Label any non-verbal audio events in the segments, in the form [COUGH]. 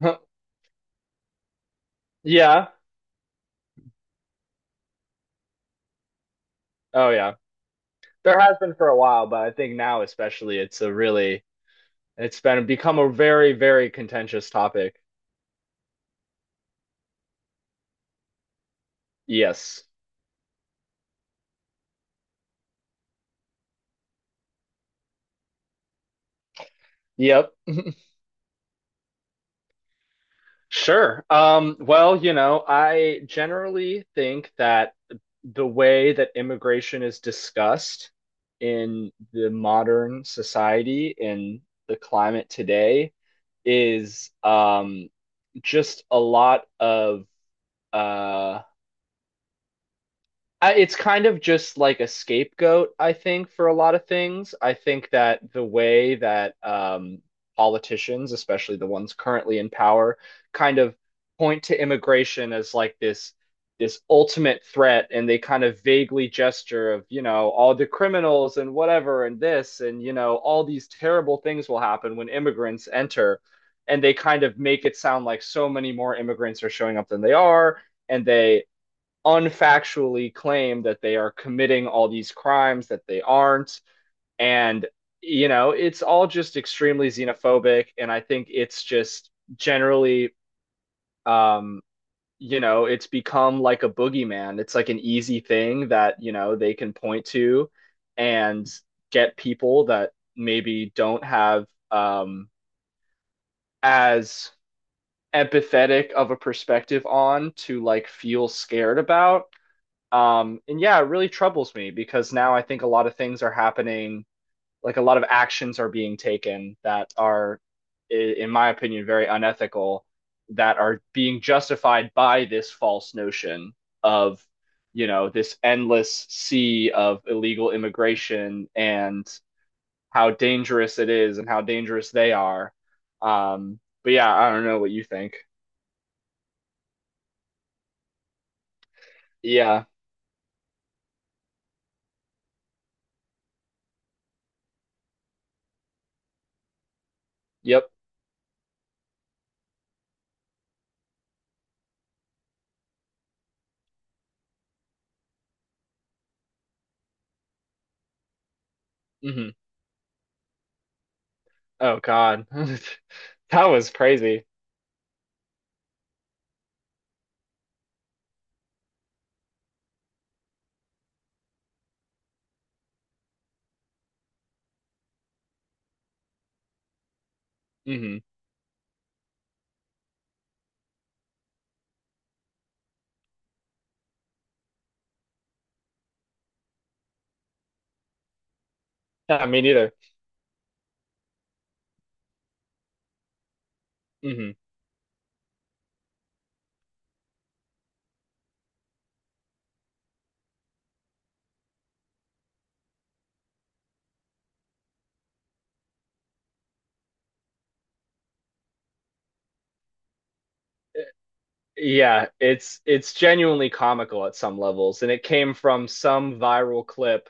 [LAUGHS] Yeah. Oh, yeah. There has been for a while, but I think now especially it's been become a very, very contentious topic. Yes. Yep. Sure. Well, you know, I generally think that the way that immigration is discussed in the modern society, in the climate today, is just a lot of uh I- It's kind of just like a scapegoat, I think, for a lot of things. I think that the way that politicians, especially the ones currently in power, kind of point to immigration as like this ultimate threat, and they kind of vaguely gesture of, you know, all the criminals and whatever and this and you know all these terrible things will happen when immigrants enter, and they kind of make it sound like so many more immigrants are showing up than they are, and they unfactually claim that they are committing all these crimes that they aren't. And, you know, it's all just extremely xenophobic. And I think it's just generally, um, you know, it's become like a boogeyman. It's like an easy thing that, you know, they can point to and get people that maybe don't have as empathetic of a perspective on to like feel scared about. And yeah, it really troubles me because now I think a lot of things are happening, like a lot of actions are being taken that are, in my opinion, very unethical, that are being justified by this false notion of, you know, this endless sea of illegal immigration and how dangerous it is and how dangerous they are. But yeah, I don't know what you think. Yeah. Yep. Hmm. Oh God. [LAUGHS] That was crazy. Hmm. Yeah, me neither. Hmm. Yeah, it's genuinely comical at some levels, and it came from some viral clip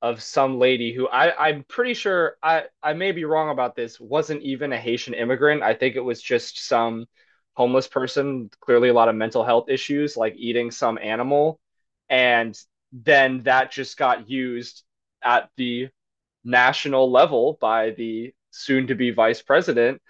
of some lady who I'm pretty sure I may be wrong about this, wasn't even a Haitian immigrant. I think it was just some homeless person, clearly a lot of mental health issues, like eating some animal, and then that just got used at the national level by the soon to be vice president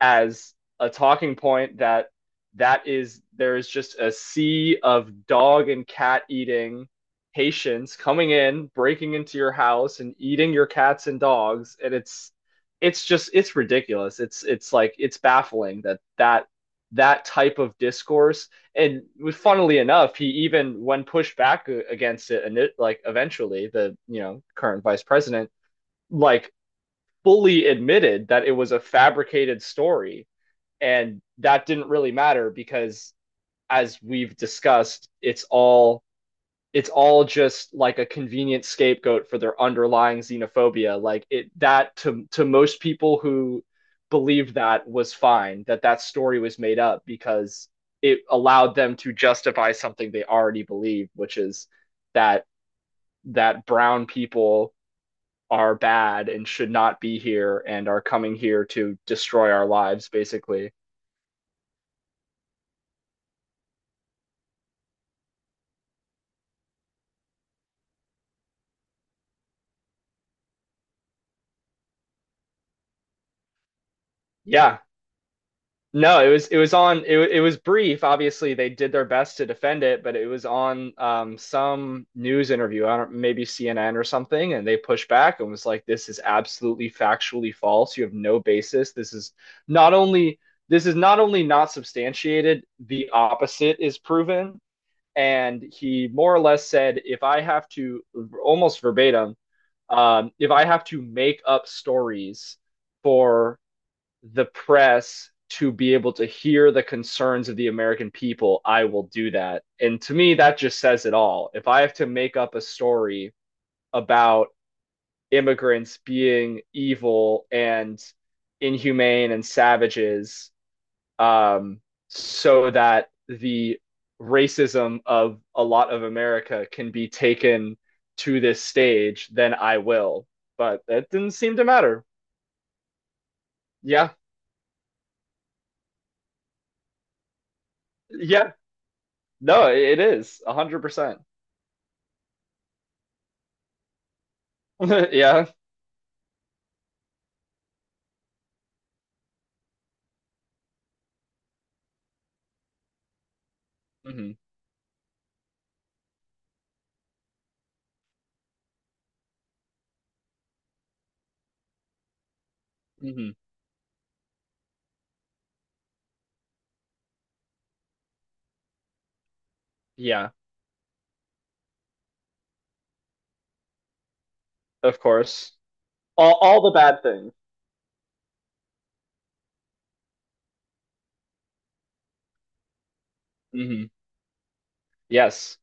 as a talking point that that is there is just a sea of dog and cat eating patients coming in, breaking into your house and eating your cats and dogs, and it's ridiculous. It's baffling that that type of discourse and funnily enough he even when pushed back against it and it, like eventually the you know current vice president like fully admitted that it was a fabricated story and that didn't really matter because as we've discussed it's all just like a convenient scapegoat for their underlying xenophobia like it that to most people who believed that was fine that that story was made up because it allowed them to justify something they already believed, which is that brown people are bad and should not be here and are coming here to destroy our lives basically. Yeah. No, it was on it, it was brief. Obviously, they did their best to defend it, but it was on some news interview, I don't, maybe CNN or something, and they pushed back and was like, "This is absolutely factually false. You have no basis. This is not only not only not substantiated, the opposite is proven." And he more or less said, "If I have to, almost verbatim, if I have to make up stories," for the press to be able to hear the concerns of the American people, I will do that. And to me, that just says it all. If I have to make up a story about immigrants being evil and inhumane and savages, um, so that the racism of a lot of America can be taken to this stage, then I will. But that didn't seem to matter. Yeah. Yeah. No, it is 100%. [LAUGHS] Yeah. Hmm. Hmm. Yeah. Of course. All the bad things. Hmm. Yes.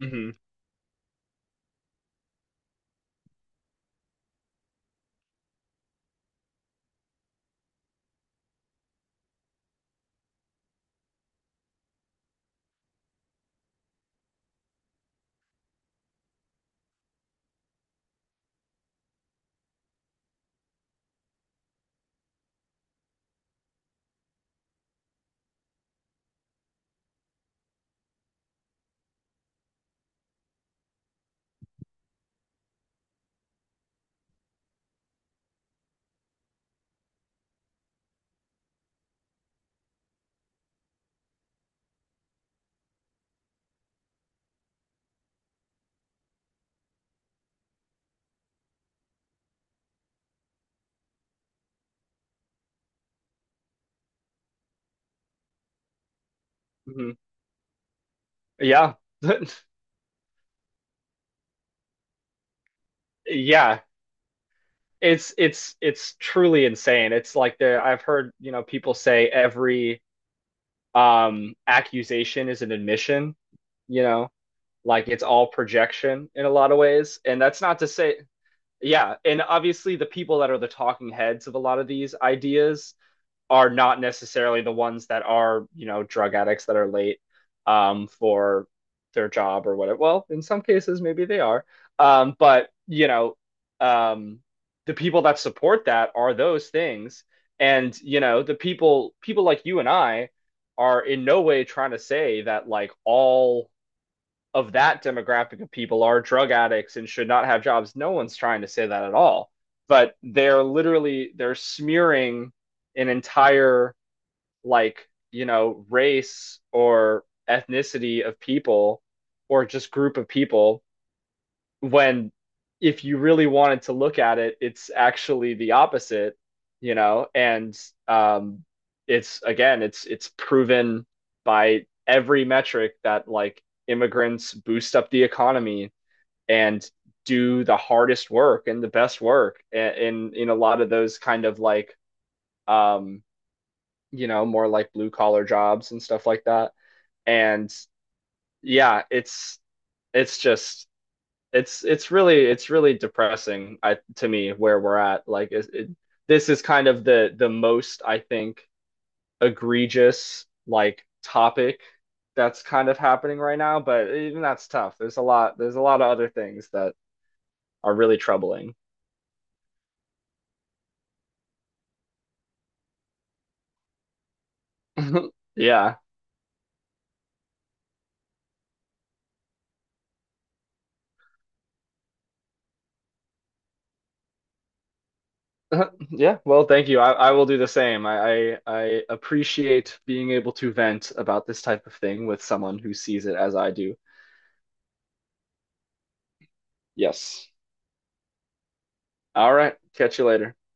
Hmm. Hmm. Yeah. [LAUGHS] Yeah. It's truly insane. It's like there I've heard, you know, people say every accusation is an admission, you know, like it's all projection in a lot of ways. And that's not to say, yeah, and obviously the people that are the talking heads of a lot of these ideas are not necessarily the ones that are you know drug addicts that are late for their job or whatever. Well, in some cases maybe they are, but you know um, the people that support that are those things, and you know the people like you and I are in no way trying to say that like all of that demographic of people are drug addicts and should not have jobs. No one's trying to say that at all, but they're literally they're smearing an entire like, you know, race or ethnicity of people or just group of people when if you really wanted to look at it, it's actually the opposite, you know, and um it's again, it's proven by every metric that like immigrants boost up the economy and do the hardest work and the best work in in a lot of those kind of like um you know, more like blue collar jobs and stuff like that. And yeah, it's just it's really it's really depressing to me where we're at. This is kind of the most I think egregious like topic that's kind of happening right now. But even that's tough. There's a lot of other things that are really troubling. [LAUGHS] Yeah. [LAUGHS] Yeah, well, thank you. I will do the same. I appreciate being able to vent about this type of thing with someone who sees it as I do. Yes. All right. Catch you later.